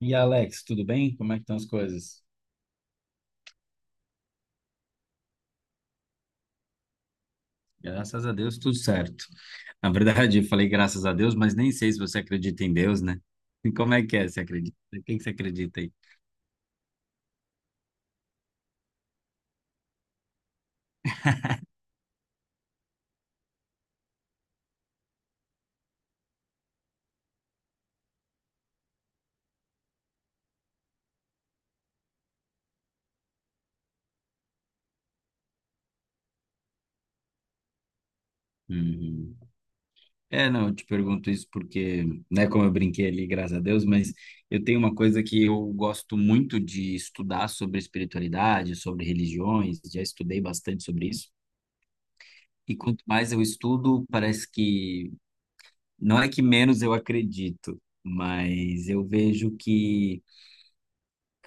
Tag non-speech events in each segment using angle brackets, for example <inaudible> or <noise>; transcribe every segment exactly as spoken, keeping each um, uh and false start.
E Alex, tudo bem? Como é que estão as coisas? Graças a Deus, tudo certo. Na verdade, eu falei graças a Deus, mas nem sei se você acredita em Deus, né? E como é que é? Você acredita? Em quem que você acredita aí? Uhum. É, não, eu te pergunto isso porque, né, como eu brinquei ali, graças a Deus, mas eu tenho uma coisa que eu gosto muito de estudar sobre espiritualidade, sobre religiões, já estudei bastante sobre isso. E quanto mais eu estudo, parece que não é que menos eu acredito, mas eu vejo que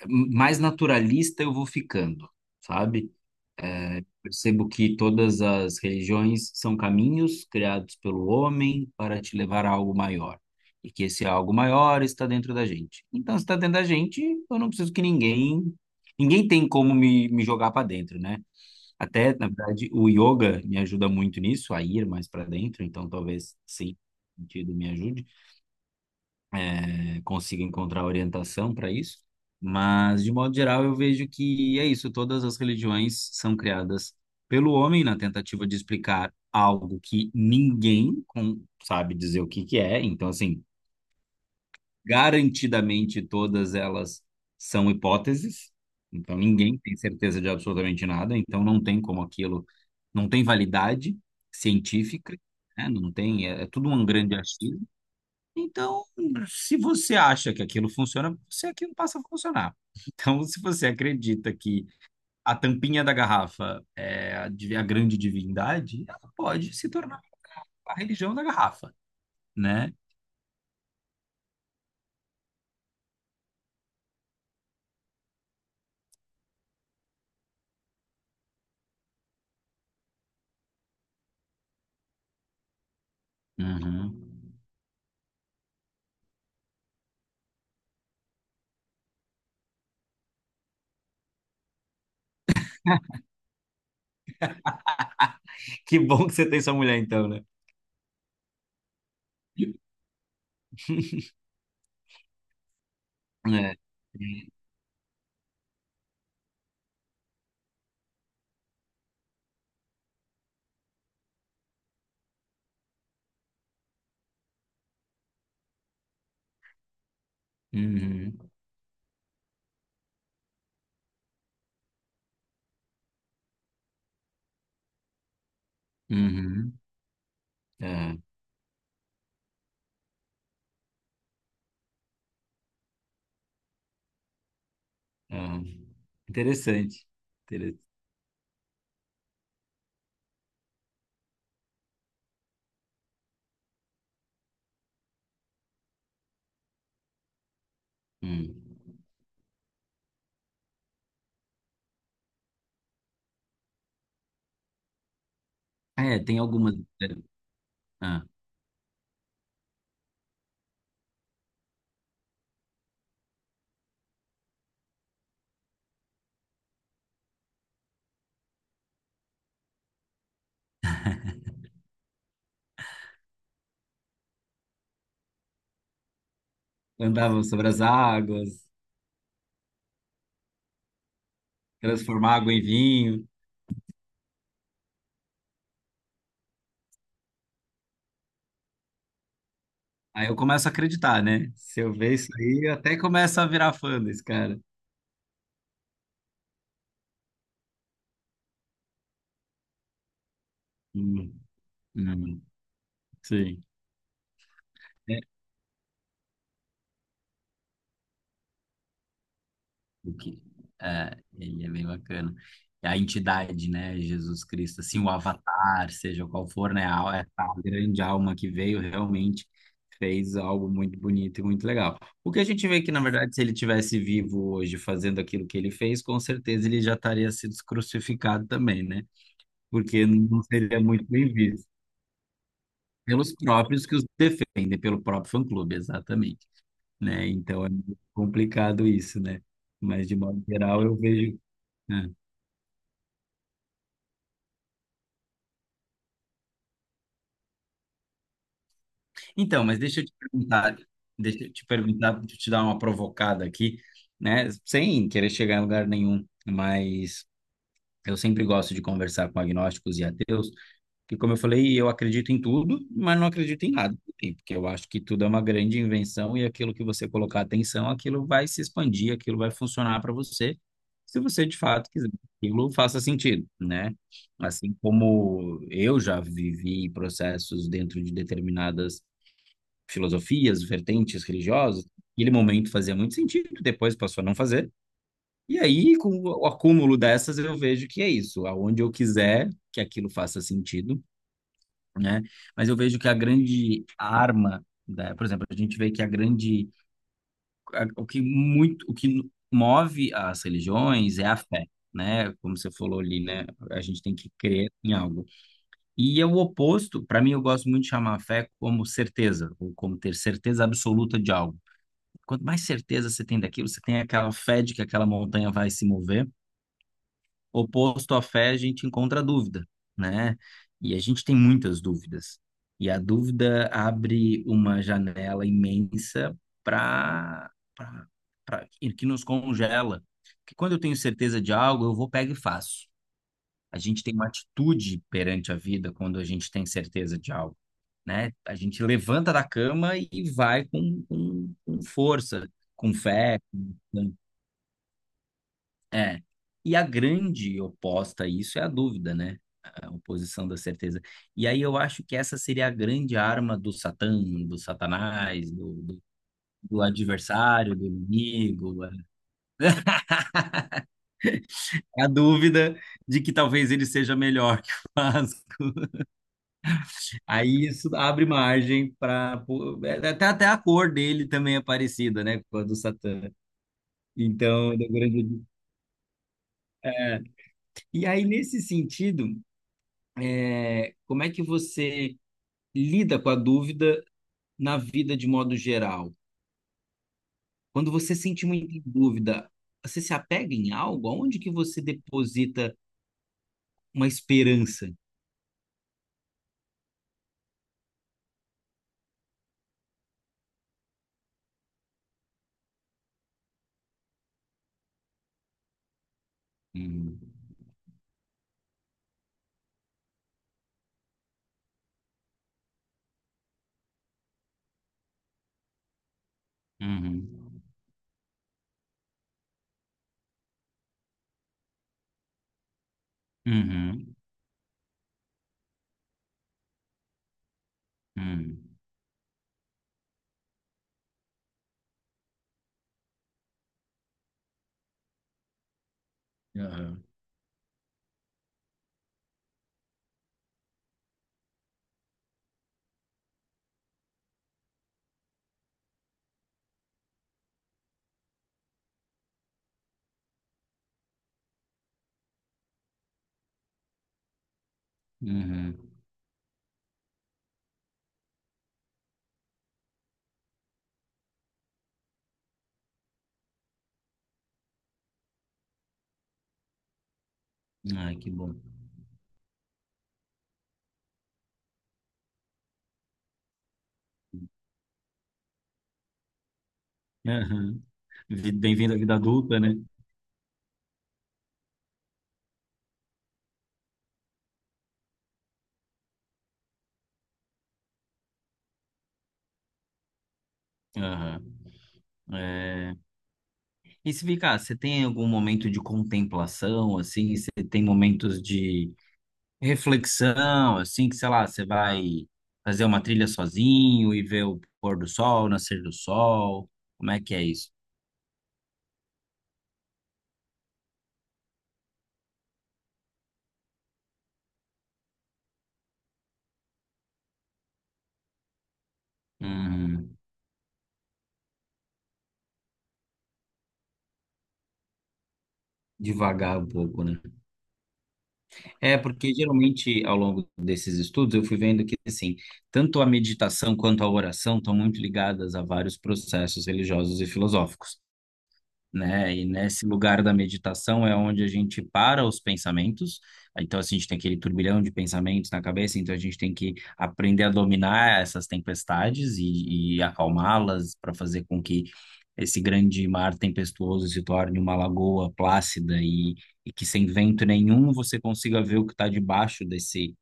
mais naturalista eu vou ficando, sabe? É, percebo que todas as religiões são caminhos criados pelo homem para te levar a algo maior. E que esse algo maior está dentro da gente. Então, se está dentro da gente, eu não preciso que ninguém. Ninguém tem como me, me jogar para dentro, né? Até, na verdade, o yoga me ajuda muito nisso, a ir mais para dentro, então talvez sim, sentido me ajude, eh, consiga encontrar orientação para isso. Mas, de modo geral, eu vejo que é isso: todas as religiões são criadas pelo homem na tentativa de explicar algo que ninguém com- sabe dizer o que que é. Então, assim, garantidamente todas elas são hipóteses. Então, ninguém tem certeza de absolutamente nada. Então, não tem como aquilo, não tem validade científica, né? Não tem, é, é tudo um grande achismo. Então, se você acha que aquilo funciona, você aquilo passa a funcionar. <laughs> Então, se você acredita que a, tampinha da garrafa é a, div- a grande divindade, ela pode se tornar a religião da garrafa, né? Uhum. Que bom que você tem sua mulher, então, né? <laughs> É. Uhum. Uhum. Uhum. Uhum. Interessante. Intere- Hum. É, tem algumas. Ah, andavam sobre as águas, transformar água em vinho. Aí eu começo a acreditar, né? Se eu ver isso aí, eu até começo a virar fã desse cara. Hum, hum, sim. Né? O que, é, ele é bem bacana. E a entidade, né? Jesus Cristo, assim, o avatar, seja qual for, né? A, essa grande alma que veio realmente fez algo muito bonito e muito legal. O que a gente vê é que, na verdade, se ele tivesse vivo hoje fazendo aquilo que ele fez, com certeza ele já estaria sido crucificado também, né? Porque não seria muito bem visto. Pelos próprios que os defendem, pelo próprio fã-clube, exatamente, né? Então é muito complicado isso, né? Mas de modo geral eu vejo. Né? Então, mas deixa eu te perguntar, deixa eu te perguntar, deixa eu te dar uma provocada aqui, né? Sem querer chegar em lugar nenhum, mas eu sempre gosto de conversar com agnósticos e ateus que como eu falei, eu acredito em tudo, mas não acredito em nada, também, porque eu acho que tudo é uma grande invenção e aquilo que você colocar atenção, aquilo vai se expandir, aquilo vai funcionar para você, se você de fato quiser que aquilo faça sentido, né? Assim como eu já vivi processos dentro de determinadas filosofias, vertentes religiosas, aquele momento fazia muito sentido, depois passou a não fazer. E aí, com o acúmulo dessas, eu vejo que é isso. Aonde eu quiser que aquilo faça sentido, né? Mas eu vejo que a grande arma, da, por exemplo, a gente vê que a grande, a- o que muito, o que move as religiões é a fé, né? Como você falou ali, né? A gente tem que crer em algo. E é o oposto, para mim, eu gosto muito de chamar a fé como certeza, ou como ter certeza absoluta de algo. Quanto mais certeza você tem daquilo, você tem aquela fé de que aquela montanha vai se mover, oposto à fé, a gente encontra a dúvida, né? E a gente tem muitas dúvidas. E a dúvida abre uma janela imensa para que nos congela. Porque quando eu tenho certeza de algo, eu vou pego e faço. A gente tem uma atitude perante a vida quando a gente tem certeza de algo, né? A gente levanta da cama e vai com, com, com força, com fé, com é. E a grande oposta a isso é a dúvida, né? A oposição da certeza. E aí eu acho que essa seria a grande arma do Satã, do Satanás, do, do- do adversário, do inimigo. É a dúvida de que talvez ele seja melhor que o Vasco. Aí isso abre margem para. Até, até a cor dele também é parecida, né? Com a do Satã. Então, da grande. É. E aí, nesse sentido, é, como é que você lida com a dúvida na vida de modo geral? Quando você sente muita dúvida, você se apega em algo? Aonde que você deposita uma esperança? Uhum. Uhum. Uhum. Uhum. Aham. Uhum. Ai, que bom. Aham. Vi- Bem-vindo à vida adulta, né? Aham. É, e se ficar, você tem algum momento de contemplação, assim? Você tem momentos de reflexão, assim, que sei lá, você vai fazer uma trilha sozinho e ver o pôr do sol, nascer do sol? Como é que é isso? Hum, devagar um pouco, né? É, porque geralmente ao longo desses estudos eu fui vendo que, assim, tanto a meditação quanto a oração estão muito ligadas a vários processos religiosos e filosóficos. Né? E nesse lugar da meditação é onde a gente para os pensamentos. Então, assim, a gente tem aquele turbilhão de pensamentos na cabeça, então a gente tem que aprender a dominar essas tempestades e, e acalmá-las para fazer com que esse grande mar tempestuoso se torne uma lagoa plácida e, e que sem vento nenhum você consiga ver o que está debaixo desse,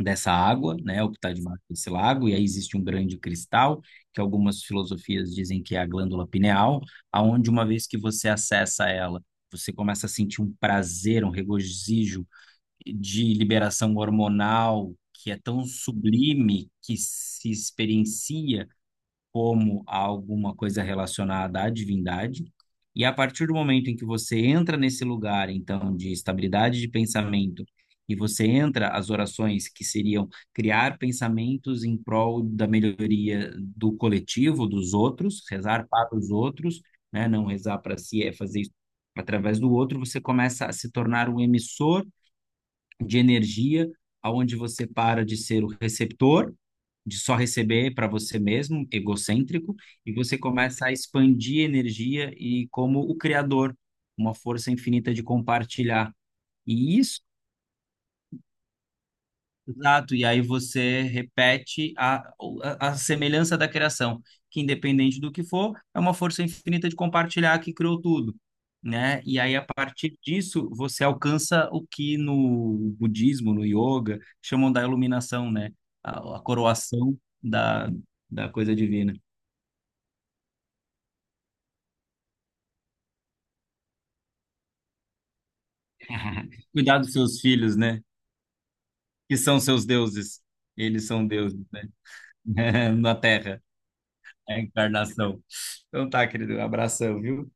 dessa água, né, o que está debaixo desse lago, e aí existe um grande cristal, que algumas filosofias dizem que é a glândula pineal, aonde uma vez que você acessa ela, você começa a sentir um prazer, um regozijo de liberação hormonal que é tão sublime que se experiencia como a alguma coisa relacionada à divindade. E a partir do momento em que você entra nesse lugar, então, de estabilidade de pensamento, e você entra as orações que seriam criar pensamentos em prol da melhoria do coletivo, dos outros, rezar para os outros, né? Não rezar para si, é fazer isso através do outro, você começa a se tornar um emissor de energia, aonde você para de ser o receptor, de só receber para você mesmo, egocêntrico, e você começa a expandir energia e como o criador, uma força infinita de compartilhar. E isso Exato, e aí você repete a, a, a semelhança da criação, que independente do que for, é uma força infinita de compartilhar que criou tudo, né? E aí, a partir disso, você alcança o que no budismo, no yoga, chamam da iluminação, né? A, a coroação da, da coisa divina. <laughs> Cuidar dos seus filhos, né? Que são seus deuses. Eles são deuses, né? <laughs> Na Terra, é a encarnação. Então tá, querido, abração, viu?